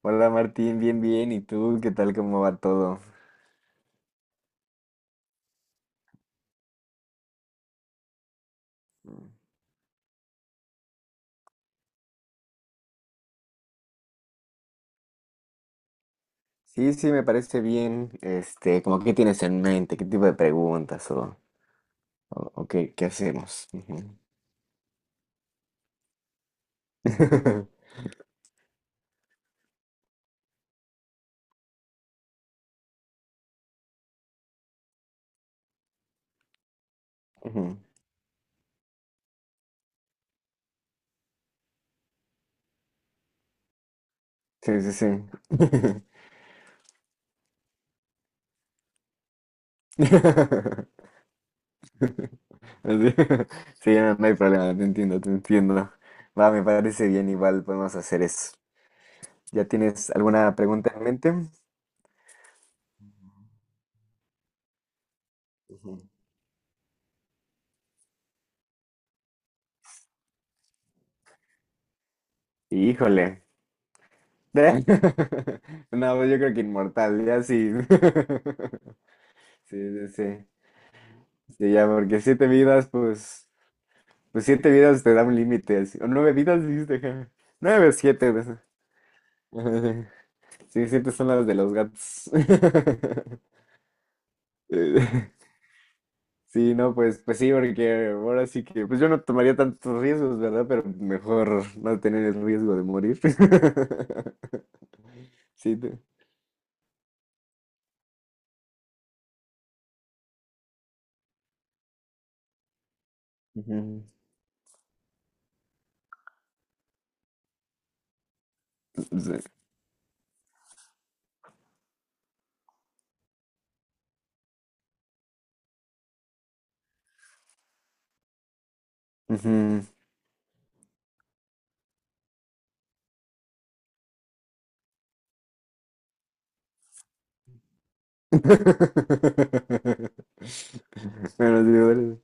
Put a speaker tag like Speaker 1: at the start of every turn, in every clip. Speaker 1: Hola Martín, bien, bien. ¿Y tú qué tal? ¿Cómo va todo? Sí, sí, me parece bien. Este, como qué tienes en mente, qué tipo de preguntas o qué, qué hacemos. Ujú. Ujú. Sí, sí, sí. Así. Sí, no, no hay problema, te entiendo, te entiendo. Va, me parece bien, igual podemos hacer eso. ¿Ya tienes alguna pregunta en mente? Ujú. Híjole. No, pues yo creo que inmortal, ya sí. Sí, sí, sí. Sí, ya, porque siete vidas, pues, pues siete vidas te da un límite, así. O nueve vidas, dijiste, ja. Nueve o siete. No sé. Ajá. Sí, siete son las de los gatos. Eh, Sí, no, pues, pues sí, porque ahora sí que, pues yo no tomaría tantos riesgos, ¿verdad? Pero mejor no tener el riesgo de morir. Sí, te- Ujú. Sí. Ujú. Bueno, sí, vale.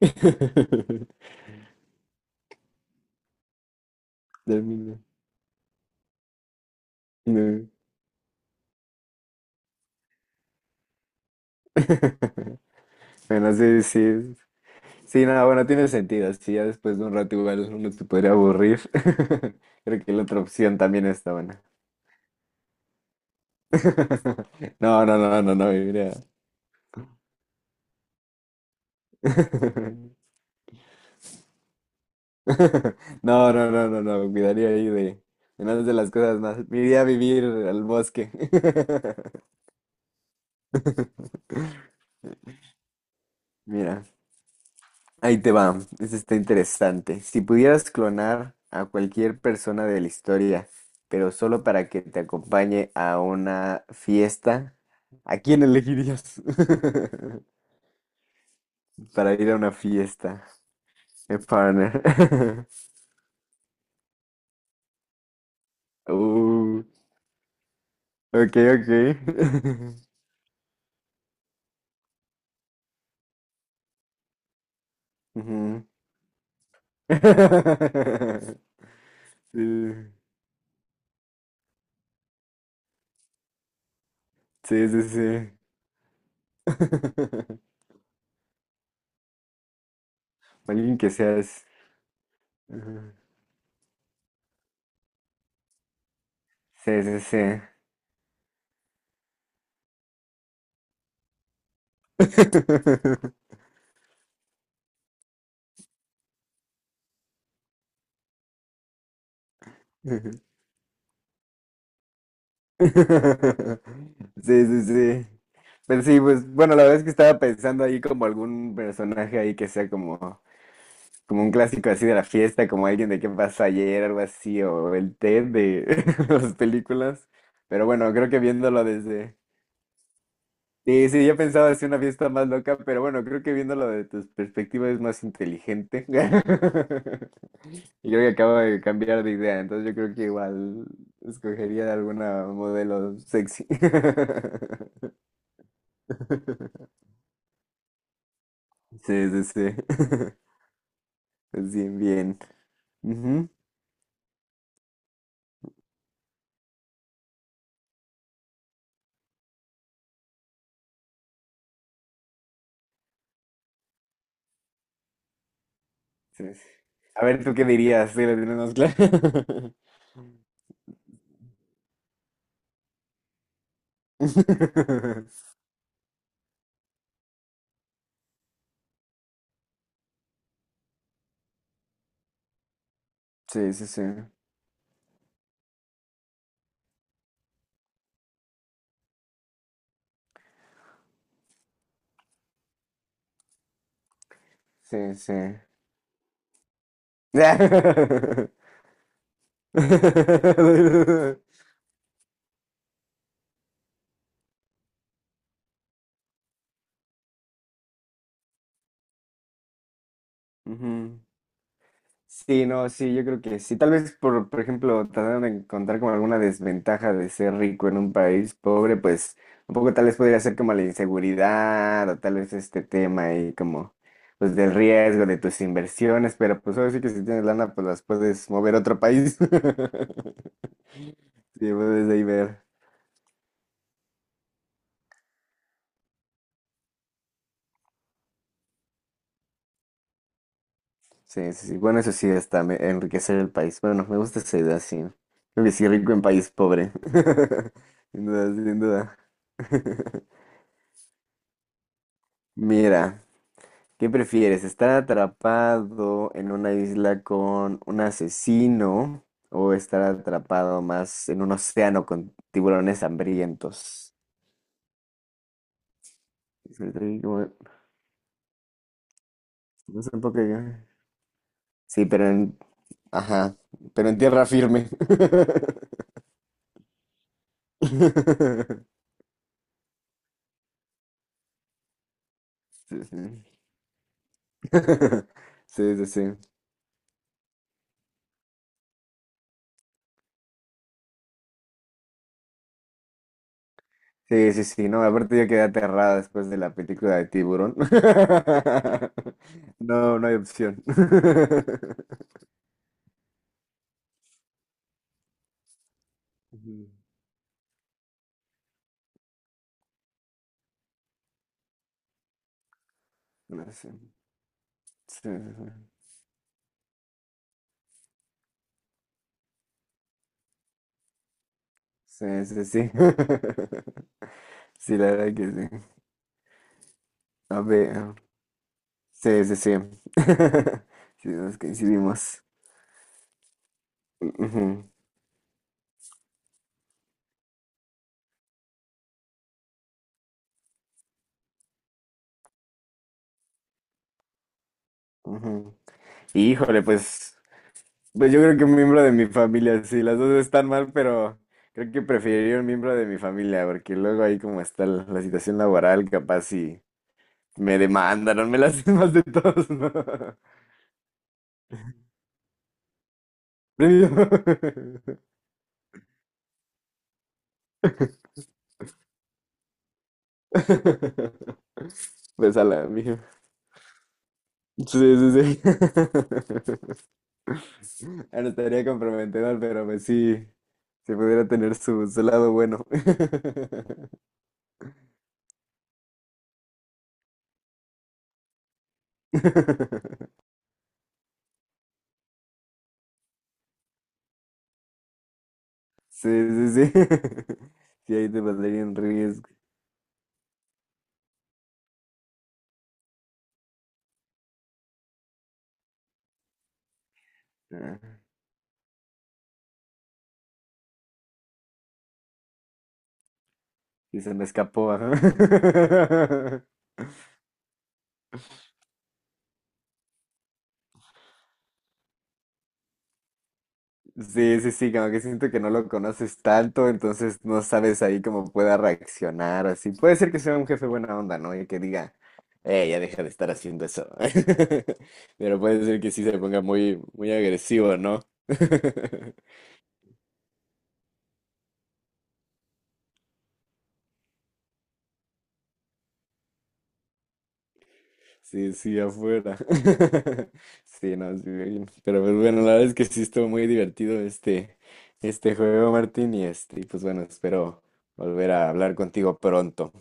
Speaker 1: Termina. No. Bueno, sí, sí. Es- Sí, nada, bueno, tiene sentido. Si ya después de un rato igual uno se podría aburrir. Creo que la otra opción también está buena. No, no, no, no, no, mira. No, no, no, no, no, cuidaría ahí de una de las cosas más. Me iría a vivir al bosque. Mira. Ahí te va, eso está interesante. Si pudieras clonar a cualquier persona de la historia, pero solo para que te acompañe a una fiesta, ¿a quién elegirías? Para ir a una fiesta, partner. Uh, ok, ok. Ujú. Sí, sí, sí, sí. Alguien que seas. Ujú. Sí, sí, sí. Sí, sí, sí. Pero sí, pues bueno, la verdad es que estaba pensando ahí como algún personaje ahí que sea como, como un clásico así de la fiesta, como alguien de qué pasó ayer, algo así, o el Ted de las películas. Pero bueno, creo que viéndolo desde... Sí, sí, yo pensaba hacer una fiesta más loca, pero bueno, creo que viéndolo de tus perspectivas es más inteligente. Y creo que acabo de cambiar de idea, entonces yo creo que igual escogería alguna modelo sexy. Sí, sí, sí. Pues bien, bien. Ujú. Sí, sí. A ver, ¿tú qué dirías? Sí, la tienes más clara. Sí, sí, sí. Sí, sí. Ujú. Sí, no, sí, yo creo que sí. Tal vez por ejemplo, tratar de encontrar como alguna desventaja de ser rico en un país pobre, pues un poco tal vez podría ser como la inseguridad o tal vez este tema ahí como pues del riesgo de tus inversiones, pero pues ahora sí que si tienes lana pues las puedes mover a otro país. Sí, puedes ahí ver. Sí, sí, sí. Bueno, eso sí está, me- enriquecer el país. Bueno, me gusta esa idea, sí. Creo que sí, rico en país pobre. Sin duda, sin duda. Mira. ¿Qué prefieres? ¿Estar atrapado en una isla con un asesino o estar atrapado más en un océano con tiburones hambrientos? Es el trigo, no sé por qué. Sí, pero en... Ajá, pero en tierra firme. Sí, sí. Sí, sí, sí. Sí, sí, sí, no, aparte yo quedé aterrada después de la película de Tiburón. No, no hay opción. Ujú. No sé. Sí, sí, sí. Sí, sí, sí. Sí, la verdad que sí. A ver. Sí, sí, sí. Sí, nos coincidimos. Ujú, ujú. Híjole, pues, pues yo creo que un miembro de mi familia, sí, las dos están mal, pero creo que preferiría un miembro de mi familia, porque luego ahí como está la situación laboral, capaz y me demandan, o me las hacen más de todos, ¿no? Premio. Pues a la mía. Sí, sí, sí. Ahora estaría comprometedor, pero pues sí, si pudiera tener su, su lado bueno. Sí, sí, sí. Sí, ahí te pondría en riesgo. Ah, Y se me escapó, ajá. Sí, sí, sí, como que siento que no lo conoces tanto, entonces no sabes ahí cómo pueda reaccionar, así. Puede ser que sea un jefe buena onda, ¿no? Y que diga, ya deja de estar haciendo eso. Pero puede ser que sí se ponga muy, muy agresivo, ¿no? Sí, sí, afuera. Sí, no, sí, me imagino. Pero pues bueno, la verdad es que sí estuvo muy divertido este, este juego, Martín, y este, y pues bueno, espero volver a hablar contigo pronto.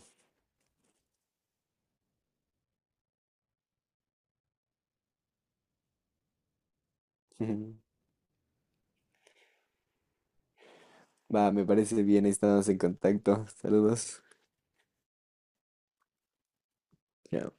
Speaker 1: Va, me parece bien, ahí estamos en contacto. Saludos. Ya.